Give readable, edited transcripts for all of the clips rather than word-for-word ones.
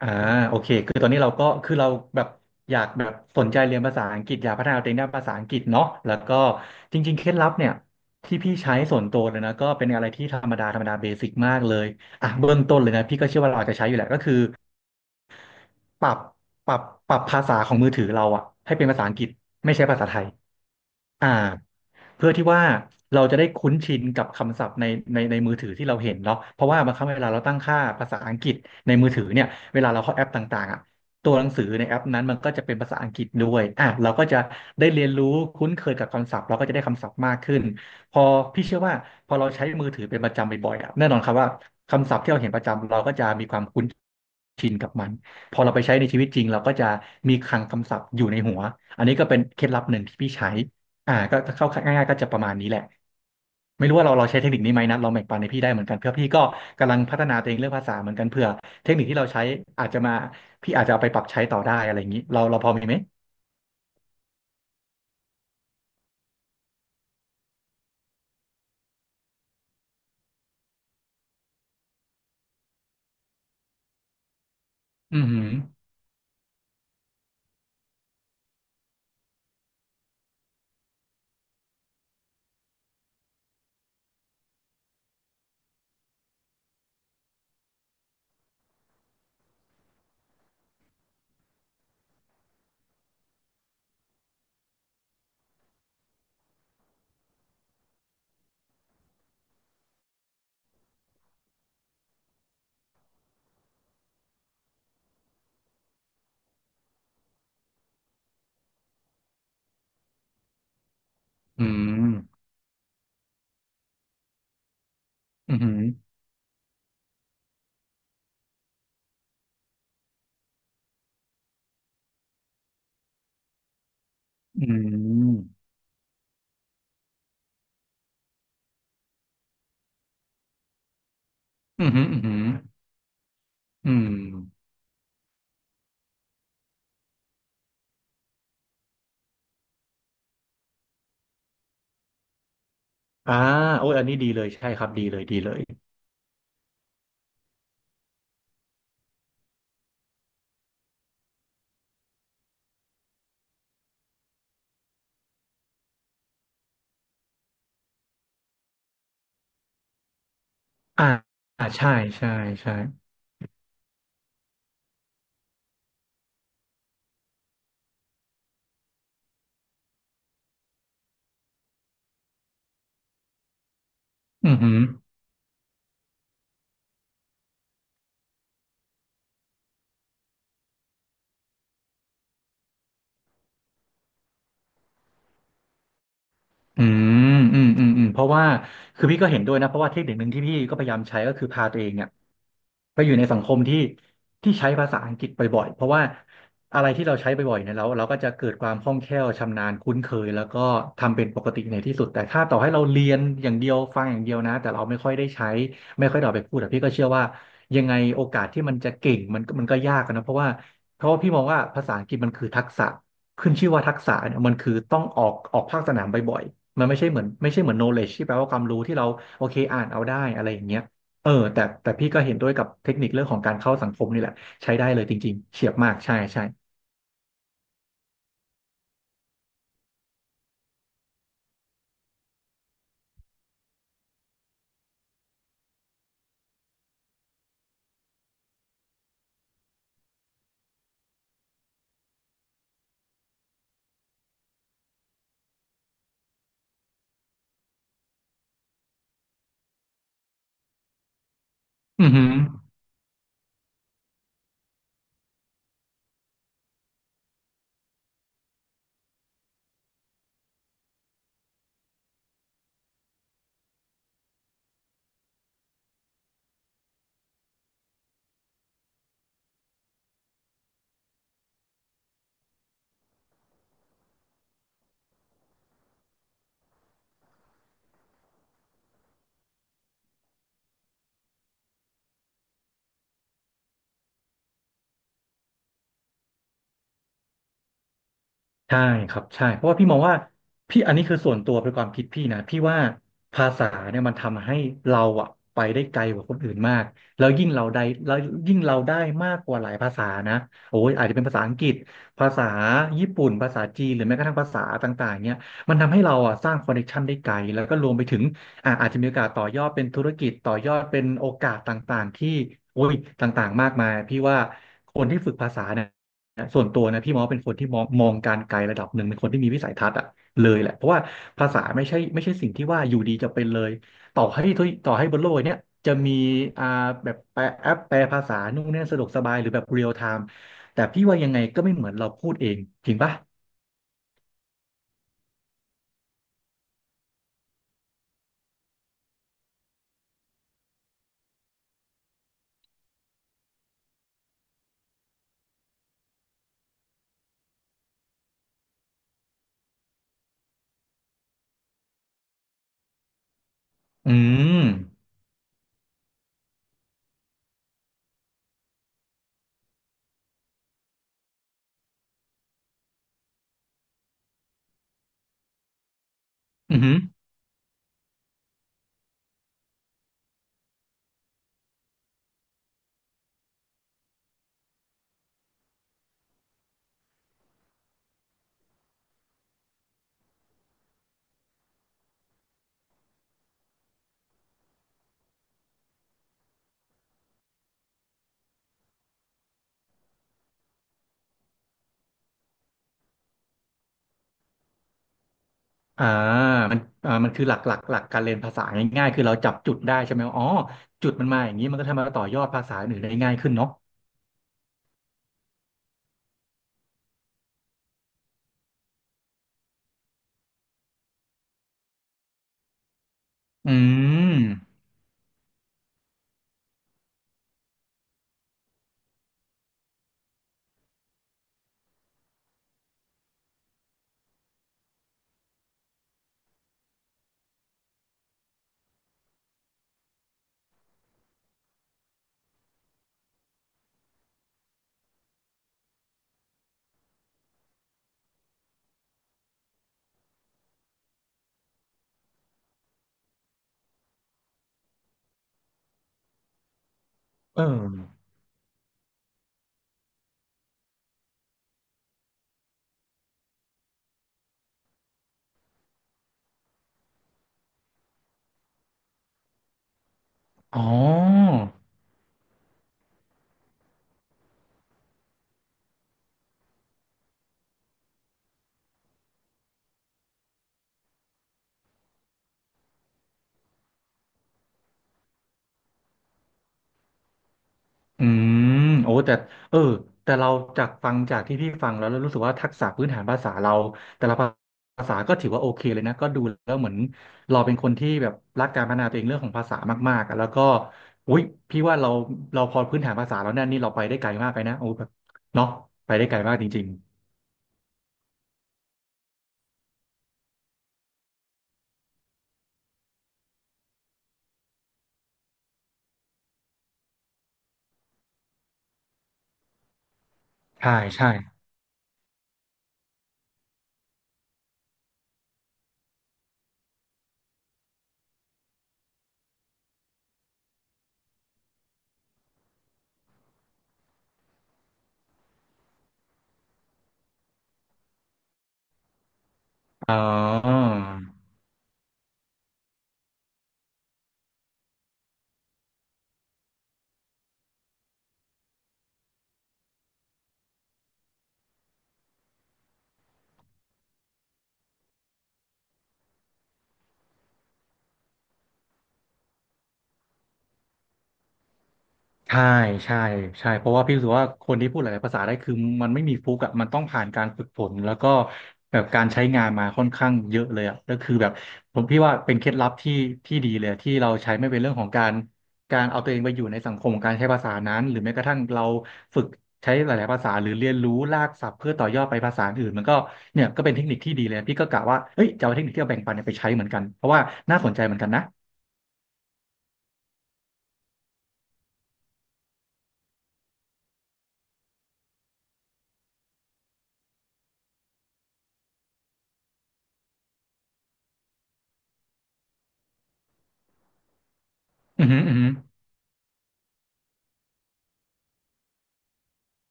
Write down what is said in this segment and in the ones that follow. อ่าโอเคคือตอนนี้เราก็คือเราแบบอยากแบบสนใจเรียนภาษาอังกฤษอยากพัฒนาตัวเองด้านภาษาอังกฤษเนาะแล้วก็จริงๆเคล็ดลับเนี่ยที่พี่ใช้ส่วนตัวเลยนะก็เป็นอะไรที่ธรรมดาธรรมดาเบสิกมากเลยอ่ะเบื้องต้นเลยนะพี่ก็เชื่อว่าเราอาจจะใช้อยู่แหละก็คือปรับปรับปรับภาษาของมือถือเราอะให้เป็นภาษาอังกฤษไม่ใช่ภาษาไทยอ่า เพื่อที่ว่าเราจะได้คุ้นชินกับคำศัพท์ในในมือถือที่เราเห็นเนาะเพราะว่าบางครั้งเวลาเราตั้งค่าภาษาอังกฤษในมือถือเนี่ยเวลาเราเข้าแอปต่างๆอ่ะตัวหนังสือในแอปนั้นมันก็จะเป็นภาษาอังกฤษด้วยอ่ะเราก็จะได้เรียนรู้คุ้นเคยกับคำศัพท์เราก็จะได้คำศัพท์มากขึ้นพอพี่เชื่อว่าพอเราใช้มือถือเป็นประจำบ่อยๆอ่ะแน่นอนครับว่าคำศัพท์ที่เราเห็นประจำเราก็จะมีความคุ้นชินกับมันพอเราไปใช้ในชีวิตจริงเราก็จะมีคลังคำศัพท์อยู่ในหัวอันนี้ก็เป็นเคล็ดลับหนึ่งที่พี่ใช้ ก็เข้าง่ายๆก็จะประมาณนี้แหละไม่รู้ว่าเราใช้เทคนิคนี้ไหมนะลองแบ่งปันให้พี่ได้เหมือนกันเพื่อพี่ก็กำลังพัฒนาตัวเองเรื่องภาษาเหมือนกันเผื่อเทคนิคที่เราใช้อาจจะมาพี่อาจจะเอาไปปรับใช้ต่อได้อะไรอย่างนี้เราพอมีไหมอืมอหืมออืมอหืมออืมอหืมออืมอหืมอืมอ่าโอ้ยอันนี้ดีเลยใช่ครับดีเลยดีเลยอ่าใช่ใช่ใช่อืม อืเพราะว่าคือพี่ก็เห็นด้วยนะเพราะว่าเทคนิคหนึ่งที่พี่ก็พยายามใช้ก็คือพาตัวเองเนี่ยไปอยู่ในสังคมที่ใช้ภาษาอังกฤษบ่อยๆเพราะว่าอะไรที่เราใช้บ่อยๆเนี่ยเราก็จะเกิดความคล่องแคล่วชำนาญคุ้นเคยแล้วก็ทำเป็นปกติในที่สุดแต่ถ้าต่อให้เราเรียนอย่างเดียวฟังอย่างเดียวนะแต่เราไม่ค่อยได้ใช้ไม่ค่อยได้เอาไปพูดแต่พี่ก็เชื่อว่ายังไงโอกาสที่มันจะเก่งมันก็ยากอะนะเพราะว่าพี่มองว่าภาษาอังกฤษมันคือทักษะ ขึ้นชื่อว่าทักษะเนี่ยมันคือต้องออกภาคสนามบ่อยๆ มันไม่ใช่เหมือนไม่ใช่เหมือน knowledge ที่แปลว่าความรู้ที่เราโอเคอ่านเอาได้อะไรอย่างเงี้ยเออแต่พี่ก็เห็นด้วยกับเทคนิคเรื่องของการเข้าสังคมนี่แหละใช้ได้เลยจริงๆเฉียบมากใช่ใช่อือหือ ใช่ครับใช่เพราะว่าพี่มองว่าพี่อันนี้คือส่วนตัวเป็นความคิดพี่นะพี่ว่าภาษาเนี่ยมันทำให้เราอะไปได้ไกลกว่าคนอื่นมากแล้วยิ่งเราได้แล้วยิ่งเราได้มากกว่าหลายภาษานะโอ้ยอาจจะเป็นภาษาอังกฤษภาษาญี่ปุ่นภาษาจีนหรือแม้กระทั่งภาษาต่างๆเนี่ยมันทำให้เราอะสร้างคอนเนคชันได้ไกลแล้วก็รวมไปถึงอ่ะอาจจะมีโอกาสต่อยอดเป็นธุรกิจต่อยอดเป็นโอกาสต่างๆที่โอ้ยต่างๆมากมายพี่ว่าคนที่ฝึกภาษาเนี่ย นะส่วนตัวนะพี่มองว่าเป็นคนที่มองการไกลระดับหนึ่งเป็นคนที่มีวิสัยทัศน์อะเลยแหละเพราะว่าภาษาไม่ใช่สิ่งที่ว่าอยู่ดีจะเป็นเลยต่อให้บนโลกเนี้ยจะมีอ่าแบบแปลแอปแปลภาษานู่นนี่สะดวกสบายหรือแบบเรียลไทม์แต่พี่ว่ายังไงก็ไม่เหมือนเราพูดเองจริงปะอืมอือหืออ่ามันอ่ามันคือหลักการเรียนภาษาง่ายๆคือเราจับจุดได้ใช่ไหมว่าอ๋อจุดมันมาอย่างนี้มันก็ทำให้เราต่อยอดภาษาอื่นได้ง่ายขึ้นเนาะอืมเออ อ๋ออืมโอ้แต่เออเราจากฟังจากที่พี่ฟังแล้วรู้สึกว่าทักษะพื้นฐานภาษาเราแต่ละภาษาก็ถือว่าโอเคเลยนะก็ดูแล้วเหมือนเราเป็นคนที่แบบรักการพัฒนาตัวเองเรื่องของภาษามากๆอะแล้วก็อุ้ยพี่ว่าเราพอพื้นฐานภาษาแล้วเนี่ยนี่เราไปได้ไกลมากไปนะโอ้แบบเนาะไปได้ไกลมากจริงๆใช่ใช่อ๋อ ใช่ใช่ใช่เพราะว่าพี่รู้สึกว่าคนที่พูดหลายๆภาษาได้คือมันไม่มีฟลุกอ่ะมันต้องผ่านการฝึกฝนแล้วก็แบบการใช้งานมาค่อนข้างเยอะเลยอ่ะก็คือแบบผมพี่ว่าเป็นเคล็ดลับที่ดีเลยอะที่เราใช้ไม่เป็นเรื่องของการเอาตัวเองไปอยู่ในสังคมของการใช้ภาษานั้นหรือแม้กระทั่งเราฝึกใช้หลายๆภาษาหรือเรียนรู้รากศัพท์เพื่อต่อยอดไปภาษาอื่นมันก็เนี่ยก็เป็นเทคนิคที่ดีเลยพี่ก็กะว่าเฮ้ยจะเอาเทคนิคที่เราแบ่งปันเนี่ยไปใช้เหมือนกันเพราะว่าน่าสนใจเหมือนกันนะอือหืออือหือ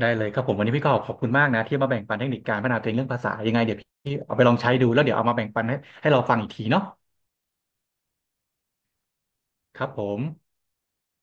ได้เลยครับผมวันนี้พี่ก็ขอบคุณมากนะที่มาแบ่งปันเทคนิคการพัฒนาตัวเองเรื่องภาษายังไงเดี๋ยวพี่เอาไปลองใช้ดูแล้วเดี๋ยวเอามาแบ่งปันให้เราฟังอีกทีเนาะครับผม